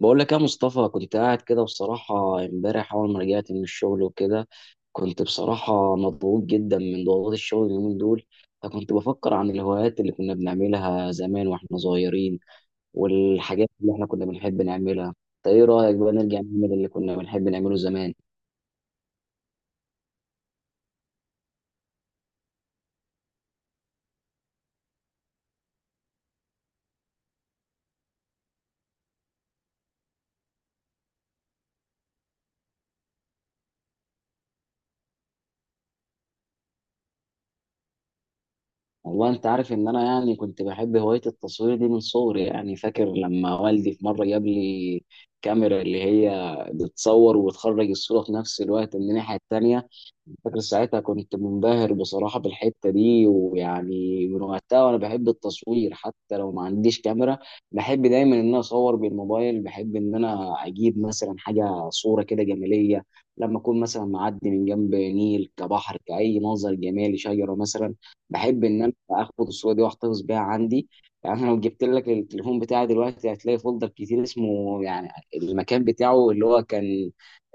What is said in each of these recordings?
بقول لك يا مصطفى كنت قاعد كده بصراحة امبارح أول ما رجعت من الشغل وكده كنت بصراحة مضغوط جدا من ضغوطات الشغل اليومين دول. فكنت بفكر عن الهوايات اللي كنا بنعملها زمان واحنا صغيرين والحاجات اللي احنا كنا بنحب نعملها. طيب ايه رأيك بقى نرجع نعمل اللي كنا بنحب نعمله زمان؟ والله انت عارف ان انا يعني كنت بحب هواية التصوير دي من صغري، يعني فاكر لما والدي في مرة جاب لي كاميرا اللي هي بتصور وتخرج الصورة في نفس الوقت من الناحية التانية. فاكر ساعتها كنت منبهر بصراحة بالحتة دي، ويعني من وقتها وأنا بحب التصوير حتى لو ما عنديش كاميرا. بحب دايما إن أنا أصور بالموبايل، بحب إن أنا أجيب مثلا حاجة صورة كده جمالية لما أكون مثلا معدي من جنب نيل كبحر كأي منظر جمالي شجرة مثلا. بحب إن أنا آخد الصورة دي وأحتفظ بيها عندي. يعني أنا لو جبت لك التليفون بتاعي دلوقتي هتلاقي فولدر كتير اسمه يعني المكان بتاعه اللي هو كان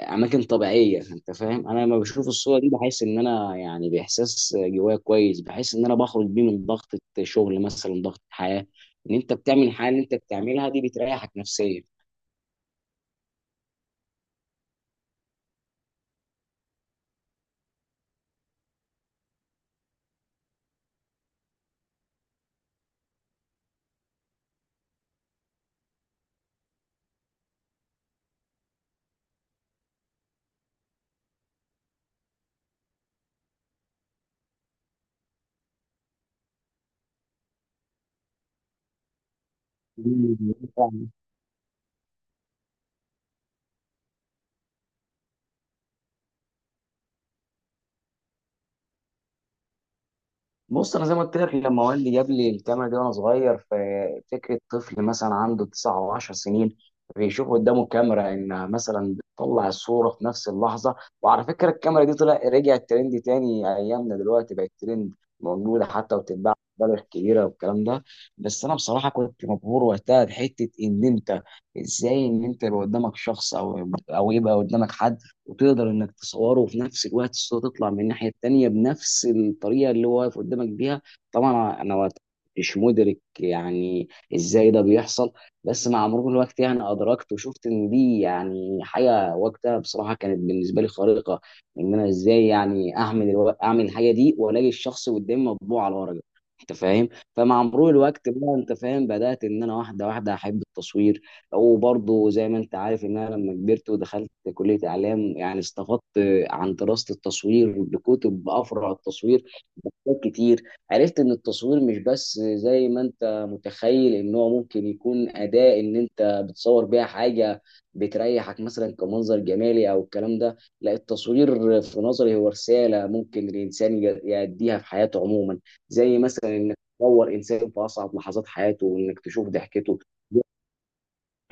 اماكن طبيعيه. انت فاهم، انا لما بشوف الصوره دي بحس ان انا يعني باحساس جوايا كويس، بحس ان انا بخرج بيه من ضغط شغل مثلا، ضغط حياه، ان انت بتعمل حاجه اللي انت بتعملها دي بتريحك نفسيا. بص انا زي ما قلت لك لما والدي جاب لي الكاميرا دي وانا صغير، ففكره طفل مثلا عنده تسع او 10 سنين بيشوف قدامه كاميرا ان مثلا بتطلع الصوره في نفس اللحظه. وعلى فكره الكاميرا دي طلع رجعت ترند تاني ايامنا دلوقتي، بقت ترند موجوده حتى وبتتباع مبالغ كبيره والكلام ده. بس انا بصراحه كنت مبهور وقتها بحته ان انت ازاي ان انت يبقى قدامك شخص او يبقى قدامك حد وتقدر انك تصوره وفي نفس الوقت الصوره تطلع من الناحيه التانيه بنفس الطريقه اللي هو واقف قدامك بيها. طبعا انا وقت مش مدرك يعني ازاي ده بيحصل. بس مع مرور الوقت يعني ادركت وشفت ان دي يعني حاجه وقتها بصراحه كانت بالنسبه لي خارقه، ان انا ازاي يعني اعمل اعمل الحاجه دي والاقي الشخص قدامي مطبوع على ورقه، انت فاهم. فمع مرور الوقت بقى انت فاهم بدات ان انا واحده واحده احب التصوير. وبرضه زي ما انت عارف ان انا لما كبرت ودخلت كليه اعلام، يعني استفدت عن دراسه التصوير، بكتب افرع التصوير، بكتب كتير. عرفت ان التصوير مش بس زي ما انت متخيل ان هو ممكن يكون اداه ان انت بتصور بيها حاجه بتريحك مثلا كمنظر جمالي او الكلام ده. لا، التصوير في نظري هو رساله ممكن الانسان يأديها في حياته عموما. زي مثلا انك تصور انسان في اصعب لحظات حياته وانك تشوف ضحكته،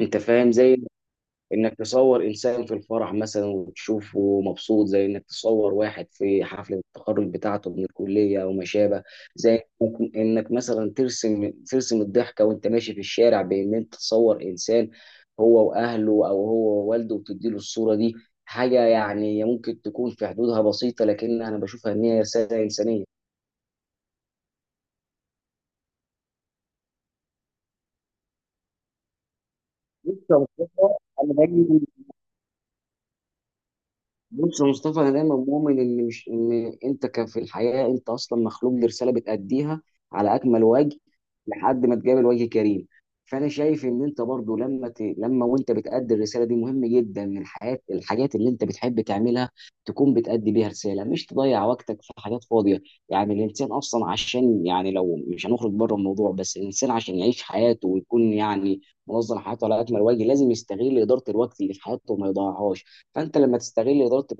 انت فاهم. زي انك تصور انسان في الفرح مثلا وتشوفه مبسوط، زي انك تصور واحد في حفلة التخرج بتاعته من الكلية او ما شابه. زي ممكن انك مثلا ترسم الضحكة وانت ماشي في الشارع بان انت تصور انسان هو واهله او هو ووالده وتديله الصورة دي. حاجة يعني ممكن تكون في حدودها بسيطة لكنها انا بشوفها ان هي رسالة انسانية. بص يا مصطفى، أنا باجي. بص يا مصطفى انا دايما مؤمن ان مش ان انت في الحياه انت اصلا مخلوق لرساله بتاديها على اكمل وجه لحد ما تقابل وجه كريم. فانا شايف ان انت برضو لما لما وانت بتادي الرساله دي مهم جدا ان الحياه الحاجات اللي انت بتحب تعملها تكون بتادي بيها رساله مش تضيع وقتك في حاجات فاضيه. يعني الانسان اصلا عشان يعني لو مش هنخرج بره الموضوع، بس الانسان عشان يعيش حياته ويكون يعني منظم حياته على اكمل وجه لازم يستغل اداره الوقت اللي في حياته وما يضيعهاش. فانت لما تستغل اداره الوقت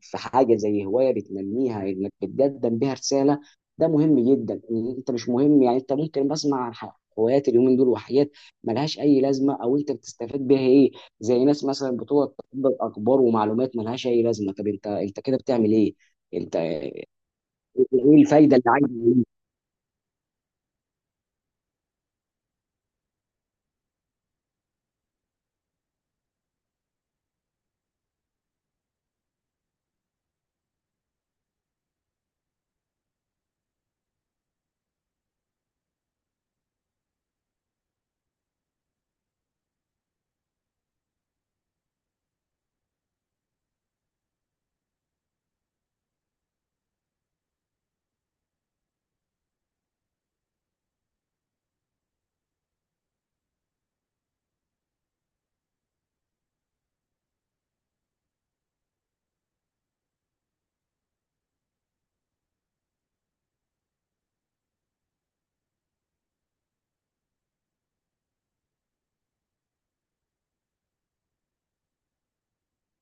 في حاجه زي هوايه بتنميها انك بتقدم بيها رساله، ده مهم جدا. إن انت مش مهم، يعني انت ممكن بسمع عن هوايات اليومين دول وحاجات ملهاش اي لازمه او انت بتستفاد بيها ايه. زي ناس مثلا بتقعد تقبل اخبار ومعلومات ملهاش اي لازمه، طب انت انت كده بتعمل ايه؟ انت ايه الفايده اللي عايز؟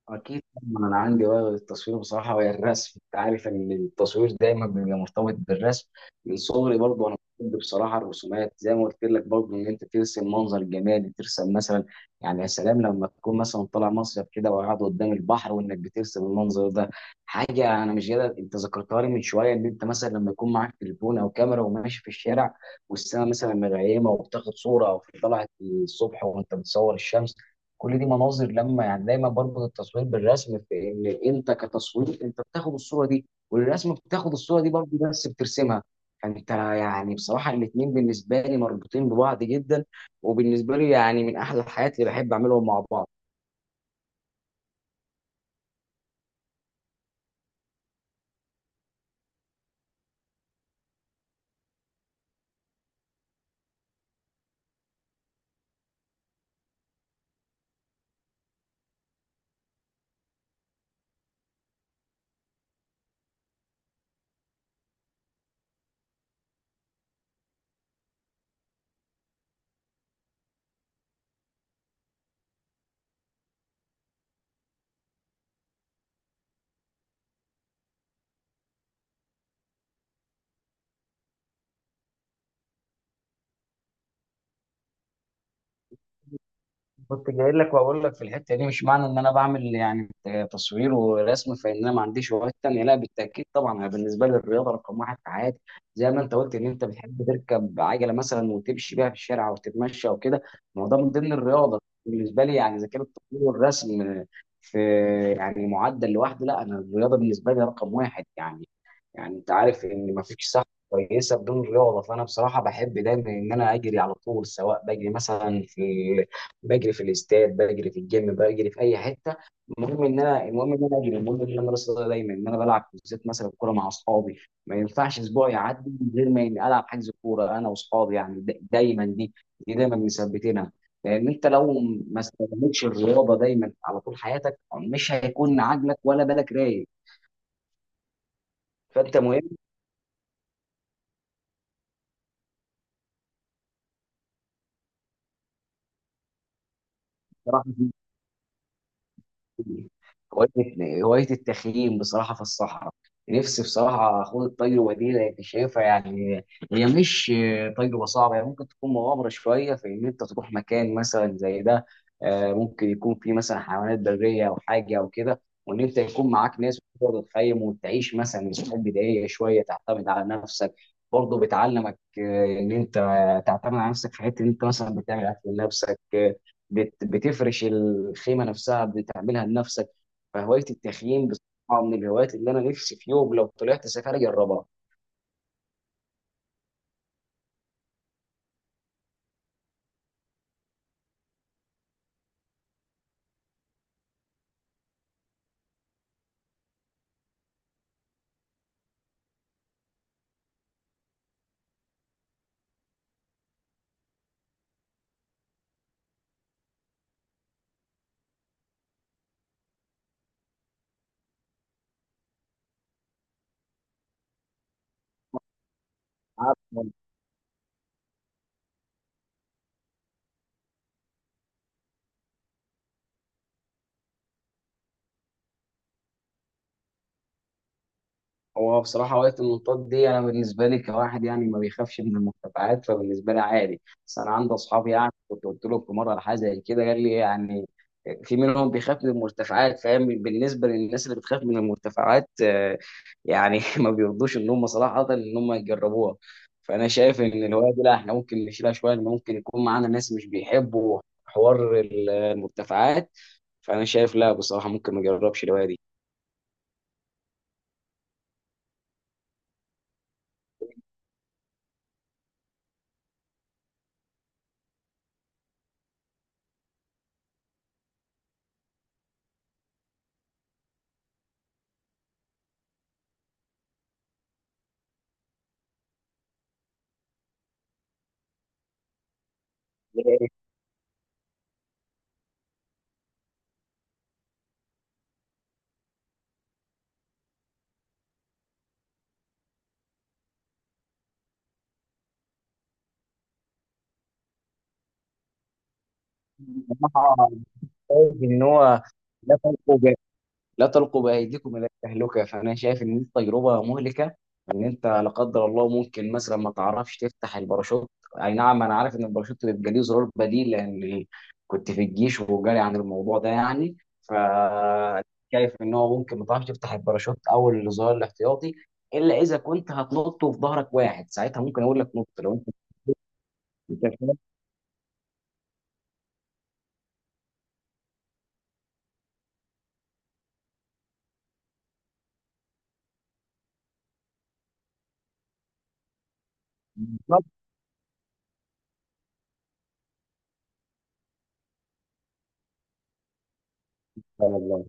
أكيد طبعاً أنا عندي هواية غير التصوير بصراحة وهي الرسم، أنت عارف إن التصوير دايما بيبقى مرتبط بالرسم، من صغري برضه أنا بحب بصراحة الرسومات، زي ما قلت لك برضه إن أنت ترسم منظر جمالي، ترسم مثلا يعني يا سلام لما تكون مثلا طالع مصيف كده وقاعد قدام البحر وإنك بترسم المنظر ده. حاجة أنا مش قادر، أنت ذكرتها لي من شوية، إن أنت مثلا لما يكون معاك تليفون أو كاميرا وماشي في الشارع والسماء مثلا مغيمة وبتاخد صورة أو في طلعت الصبح وأنت بتصور الشمس. كل دي مناظر لما يعني دايما بربط التصوير بالرسم، في ان انت كتصوير انت بتاخد الصوره دي والرسم بتاخد الصوره دي برضه بس بترسمها. فانت يعني بصراحه الاثنين بالنسبه لي مربوطين ببعض جدا، وبالنسبه لي يعني من احلى الحاجات اللي بحب اعملهم مع بعض. كنت جاي لك واقول لك في الحته دي مش معنى ان انا بعمل يعني تصوير ورسم فان انا ما عنديش هوايات تانيه، لا بالتاكيد. طبعا انا بالنسبه لي الرياضه رقم واحد في حياتي. زي ما انت قلت ان انت بتحب تركب عجله مثلا وتمشي بيها في الشارع او تتمشى او كده، ما هو ده من ضمن الرياضه بالنسبه لي. يعني اذا كان التصوير والرسم في يعني معدل لوحده، لا انا الرياضه بالنسبه لي رقم واحد يعني. يعني انت عارف ان ما فيش صحه كويسه بدون رياضه. فانا بصراحه بحب دايما ان انا اجري على طول، سواء بجري مثلا في بجري في الاستاد بجري في الجيم بجري في اي حته، المهم ان انا المهم ان انا اجري، المهم ان انا راسي دايما ان انا بلعب بالذات مثلا كوره مع اصحابي. ما ينفعش اسبوع يعدي من غير ما إني العب حجز كوره انا واصحابي، يعني دايما دي، دي دايما مثبتينها. لان انت لو ما استخدمتش الرياضه دايما على طول حياتك مش هيكون عقلك ولا بالك رايق. فانت مهم بصراحه هواية التخييم بصراحة في الصحراء، نفسي بصراحة أخوض التجربة دي لأن شايفها يعني هي مش تجربة صعبة، هي ممكن تكون مغامرة شوية في إن أنت تروح مكان مثلا زي ده، ممكن يكون فيه مثلا حيوانات برية أو حاجة أو كده، وإن أنت يكون معاك ناس تقدر تخيم وتعيش مثلا مساحات بدائية شوية تعتمد على نفسك. برضه بتعلمك إن أنت تعتمد على نفسك في حتة إن أنت مثلا بتعمل أكل لنفسك، بتفرش الخيمه نفسها بتعملها لنفسك. فهوايه التخييم بصراحه من الهوايات اللي انا نفسي في يوم لو طلعت سفاري اجربها. هو بصراحة وقت المنطاد دي أنا بالنسبة لي كواحد يعني ما بيخافش من المرتفعات، فبالنسبة لي عادي، بس أنا عندي أصحابي يعني كنت قلت لهم في مرة على حاجة زي كده قال لي يعني في منهم بيخاف من المرتفعات، فاهم. بالنسبة للناس اللي بتخاف من المرتفعات يعني ما بيرضوش إن هم صراحة إن هم يجربوها. فأنا شايف إن الهواية دي، لا إحنا ممكن نشيلها شوية إن ممكن يكون معانا ناس مش بيحبوا حوار المرتفعات، فأنا شايف لا بصراحة ممكن ما أجربش الهواية دي. بصراحة شايف ان هو لا تلقوا ب... لا تلقوا بايديكم الى التهلكه، فانا شايف ان دي تجربه مهلكه. ان انت لا قدر الله ممكن مثلا ما تعرفش تفتح الباراشوت، اي نعم انا عارف ان الباراشوت بيبقى ليه زرار بديل لان كنت في الجيش وجالي عن الموضوع ده يعني ف شايف ان هو ممكن ما تعرفش تفتح الباراشوت او الزرار الاحتياطي، الا اذا كنت هتنط وفي ظهرك واحد ساعتها ممكن اقول لك نط لو انت بالظبط والله